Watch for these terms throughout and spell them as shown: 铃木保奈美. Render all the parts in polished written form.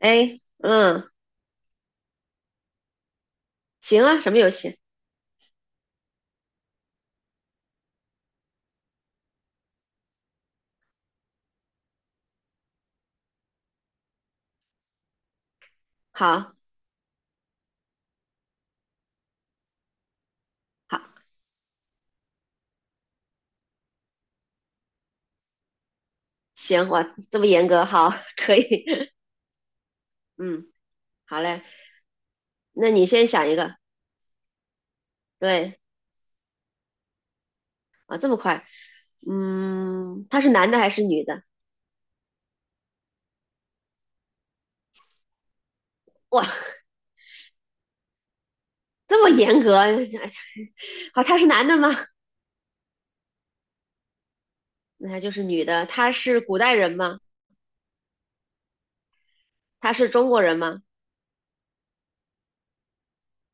哎，嗯，行啊，什么游戏？好，好，行，哇，这么严格，好，可以，嗯，好嘞，那你先想一个，对，啊，这么快，嗯，他是男的还是女的？哇，这么严格，好，他是男的吗？那他就是女的，他是古代人吗？他是中国人吗？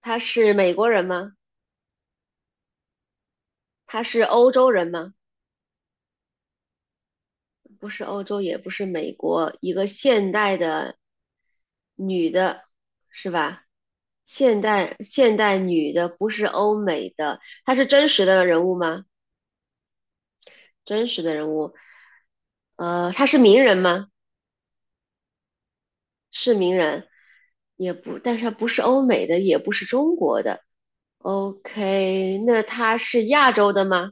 他是美国人吗？他是欧洲人吗？不是欧洲，也不是美国，一个现代的女的，是吧？现代女的，不是欧美的，她是真实的人物吗？真实的人物，她是名人吗？是名人，也不，但是她不是欧美的，也不是中国的。OK，那她是亚洲的吗？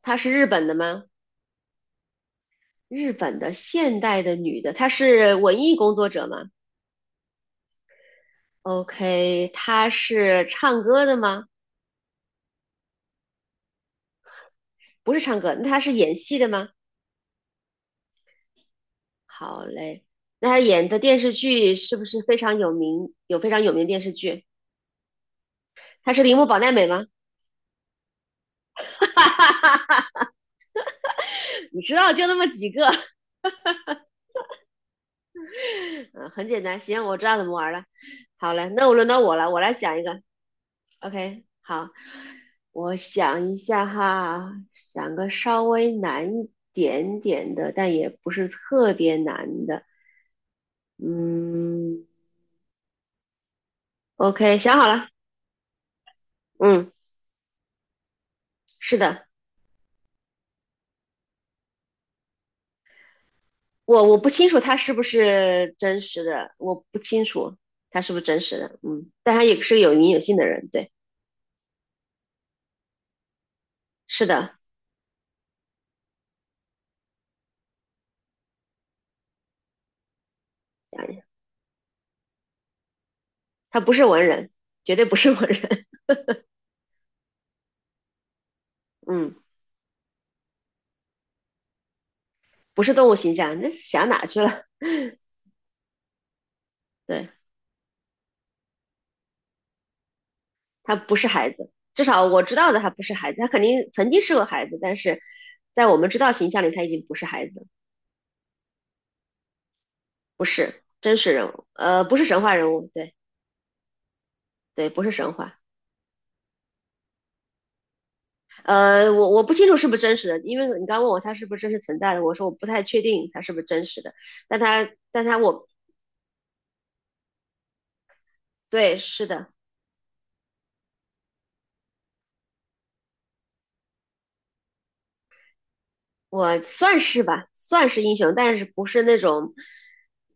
她是日本的吗？日本的现代的女的，她是文艺工作者吗？OK,他是唱歌的吗？不是唱歌，那他是演戏的吗？好嘞，那他演的电视剧是不是非常有名？有非常有名的电视剧？他是铃木保奈美吗？你知道就那么几个，嗯，很简单。行，我知道怎么玩了。好嘞，那我轮到我了，我来想一个。OK，好，我想一下哈，想个稍微难一点点的，但也不是特别难的。嗯，OK，想好了。嗯，是的。我不清楚他是不是真实的，我不清楚他是不是真实的，嗯，但他也是个有名有姓的人，对，是的，哎他不是文人，绝对不是文人，嗯，不是动物形象，那想哪去了？对，他不是孩子，至少我知道的他不是孩子，他肯定曾经是个孩子，但是在我们知道形象里他已经不是孩子了。不是真实人物，不是神话人物，对。对，不是神话。我不清楚是不是真实的，因为你刚问我他是不是真实存在的，我说我不太确定他是不是真实的，但他，对，是的，我算是吧，算是英雄，但是不是那种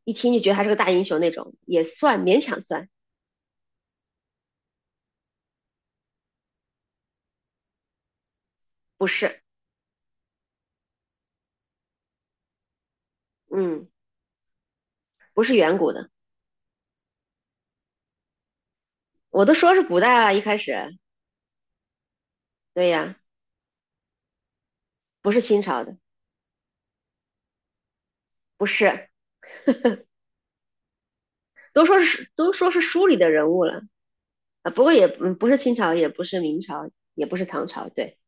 一听就觉得他是个大英雄那种，也算勉强算，不是，嗯，不是远古的，我都说是古代了，一开始，对呀，不是清朝的，不是，都说是书里的人物了啊，不过也不是清朝，也不是明朝，也不是唐朝，对。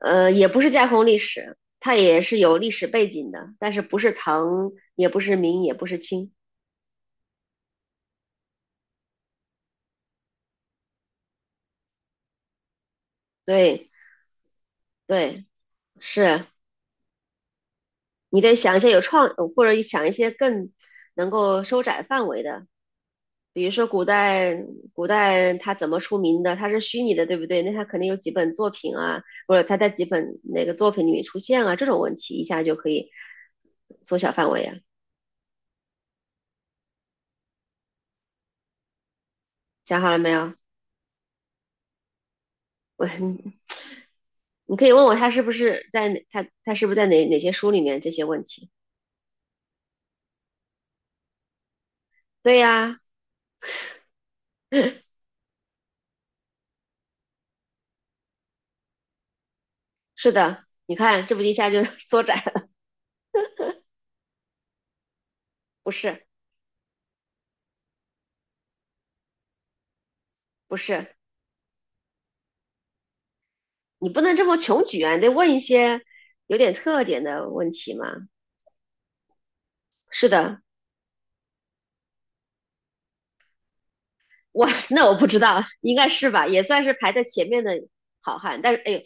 也不是架空历史，它也是有历史背景的，但是不是唐，也不是明，也不是清。对，对，是。你得想一些有创，或者想一些更能够收窄范围的，比如说古代，古代它怎么出名的？它是虚拟的，对不对？那它肯定有几本作品啊，或者它在几本哪个作品里面出现啊，这种问题一下就可以缩小范围啊。想好了没有？我 你可以问我他是不是在哪，他是不是在哪哪些书里面这些问题？对呀，啊 是的，你看这不一下就 缩窄了，不是不是，你不能这么穷举啊，你得问一些有点特点的问题嘛。是的，我 那我不知道，应该是吧，也算是排在前面的好汉，但是哎呦，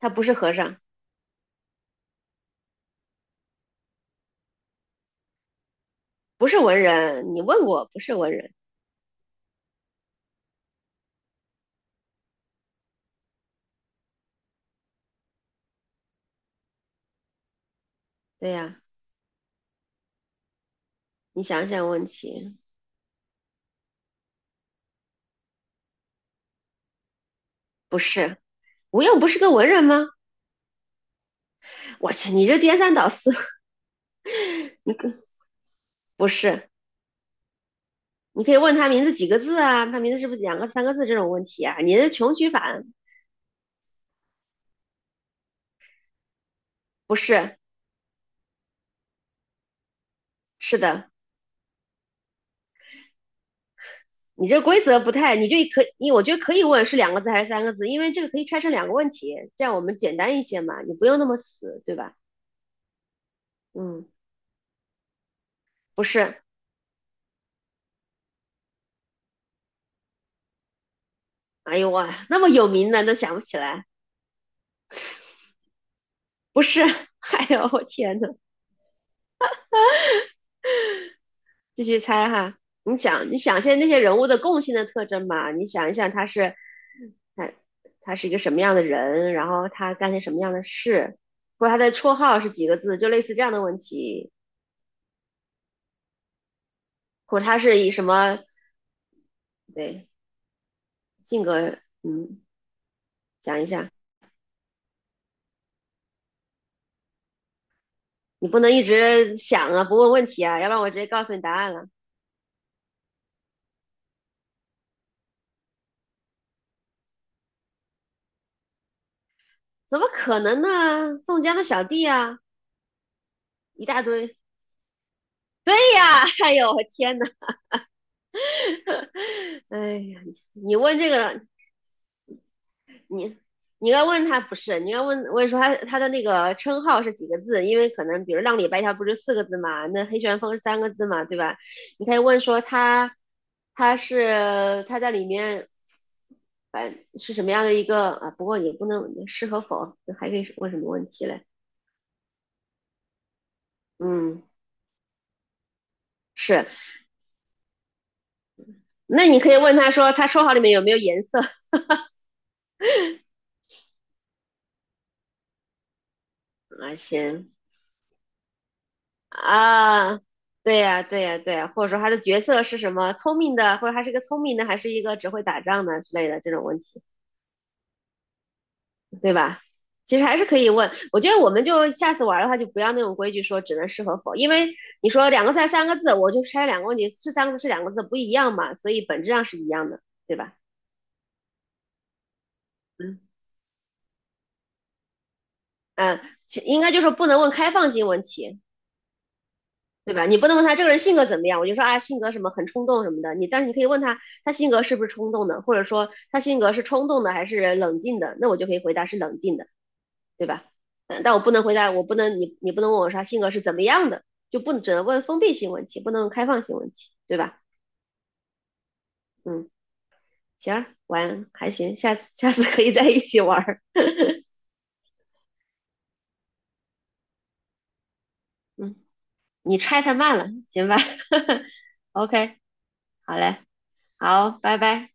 他不是和尚，不是文人，你问过不是文人，对呀，啊你想想问题，不是，吴用不是个文人吗？我去，你这颠三倒四，不是。你可以问他名字几个字啊，他名字是不是两个三个字这种问题啊？你的穷举法不是，是的，你这规则不太，你就可你我觉得可以问是两个字还是三个字，因为这个可以拆成两个问题，这样我们简单一些嘛，你不用那么死，对吧？嗯，不是，哎呦哇，那么有名的都想不起来，不是，哎呦我天呐，继续猜哈，你想，你想现在那些人物的共性的特征嘛？你想一想，他是，他他是一个什么样的人，然后他干些什么样的事，或者他的绰号是几个字，就类似这样的问题，或者他是以什么，对，性格，嗯，想一下，你不能一直想啊，不问问题啊，要不然我直接告诉你答案了，怎么可能呢？宋江的小弟啊，一大堆，对呀，哎呦，我天呐，哎呀，你问这个，你你要问他不是，你问，该问问说他的那个称号是几个字，因为可能比如浪里白条不是四个字嘛，那黑旋风是三个字嘛，对吧？你可以问说他他是他在里面，反正是什么样的一个啊？不过也不能是和否，还可以问什么问题嘞？嗯，是，那你可以问他说他绰号里面有没有颜色 啊？行，啊，对呀，对呀，对呀，或者说他的角色是什么？聪明的，或者他是一个聪明的，还是一个只会打仗的之类的这种问题，对吧？其实还是可以问。我觉得我们就下次玩的话，就不要那种规矩说只能是和否，因为你说两个字还是三个字，我就拆两个问题，是三个字是两个字不一样嘛，所以本质上是一样的，对吧？嗯嗯，其应该就是不能问开放性问题。对吧？你不能问他这个人性格怎么样，我就说啊，性格什么很冲动什么的。你但是你可以问他，他性格是不是冲动的，或者说他性格是冲动的还是冷静的，那我就可以回答是冷静的，对吧？嗯，但我不能回答，我不能你你不能问我说他性格是怎么样的，就不能只能问封闭性问题，不能问开放性问题，对吧？嗯，行，玩还行，下次可以在一起玩儿。嗯，你拆太慢了，行吧 ？OK，好嘞，好，拜拜。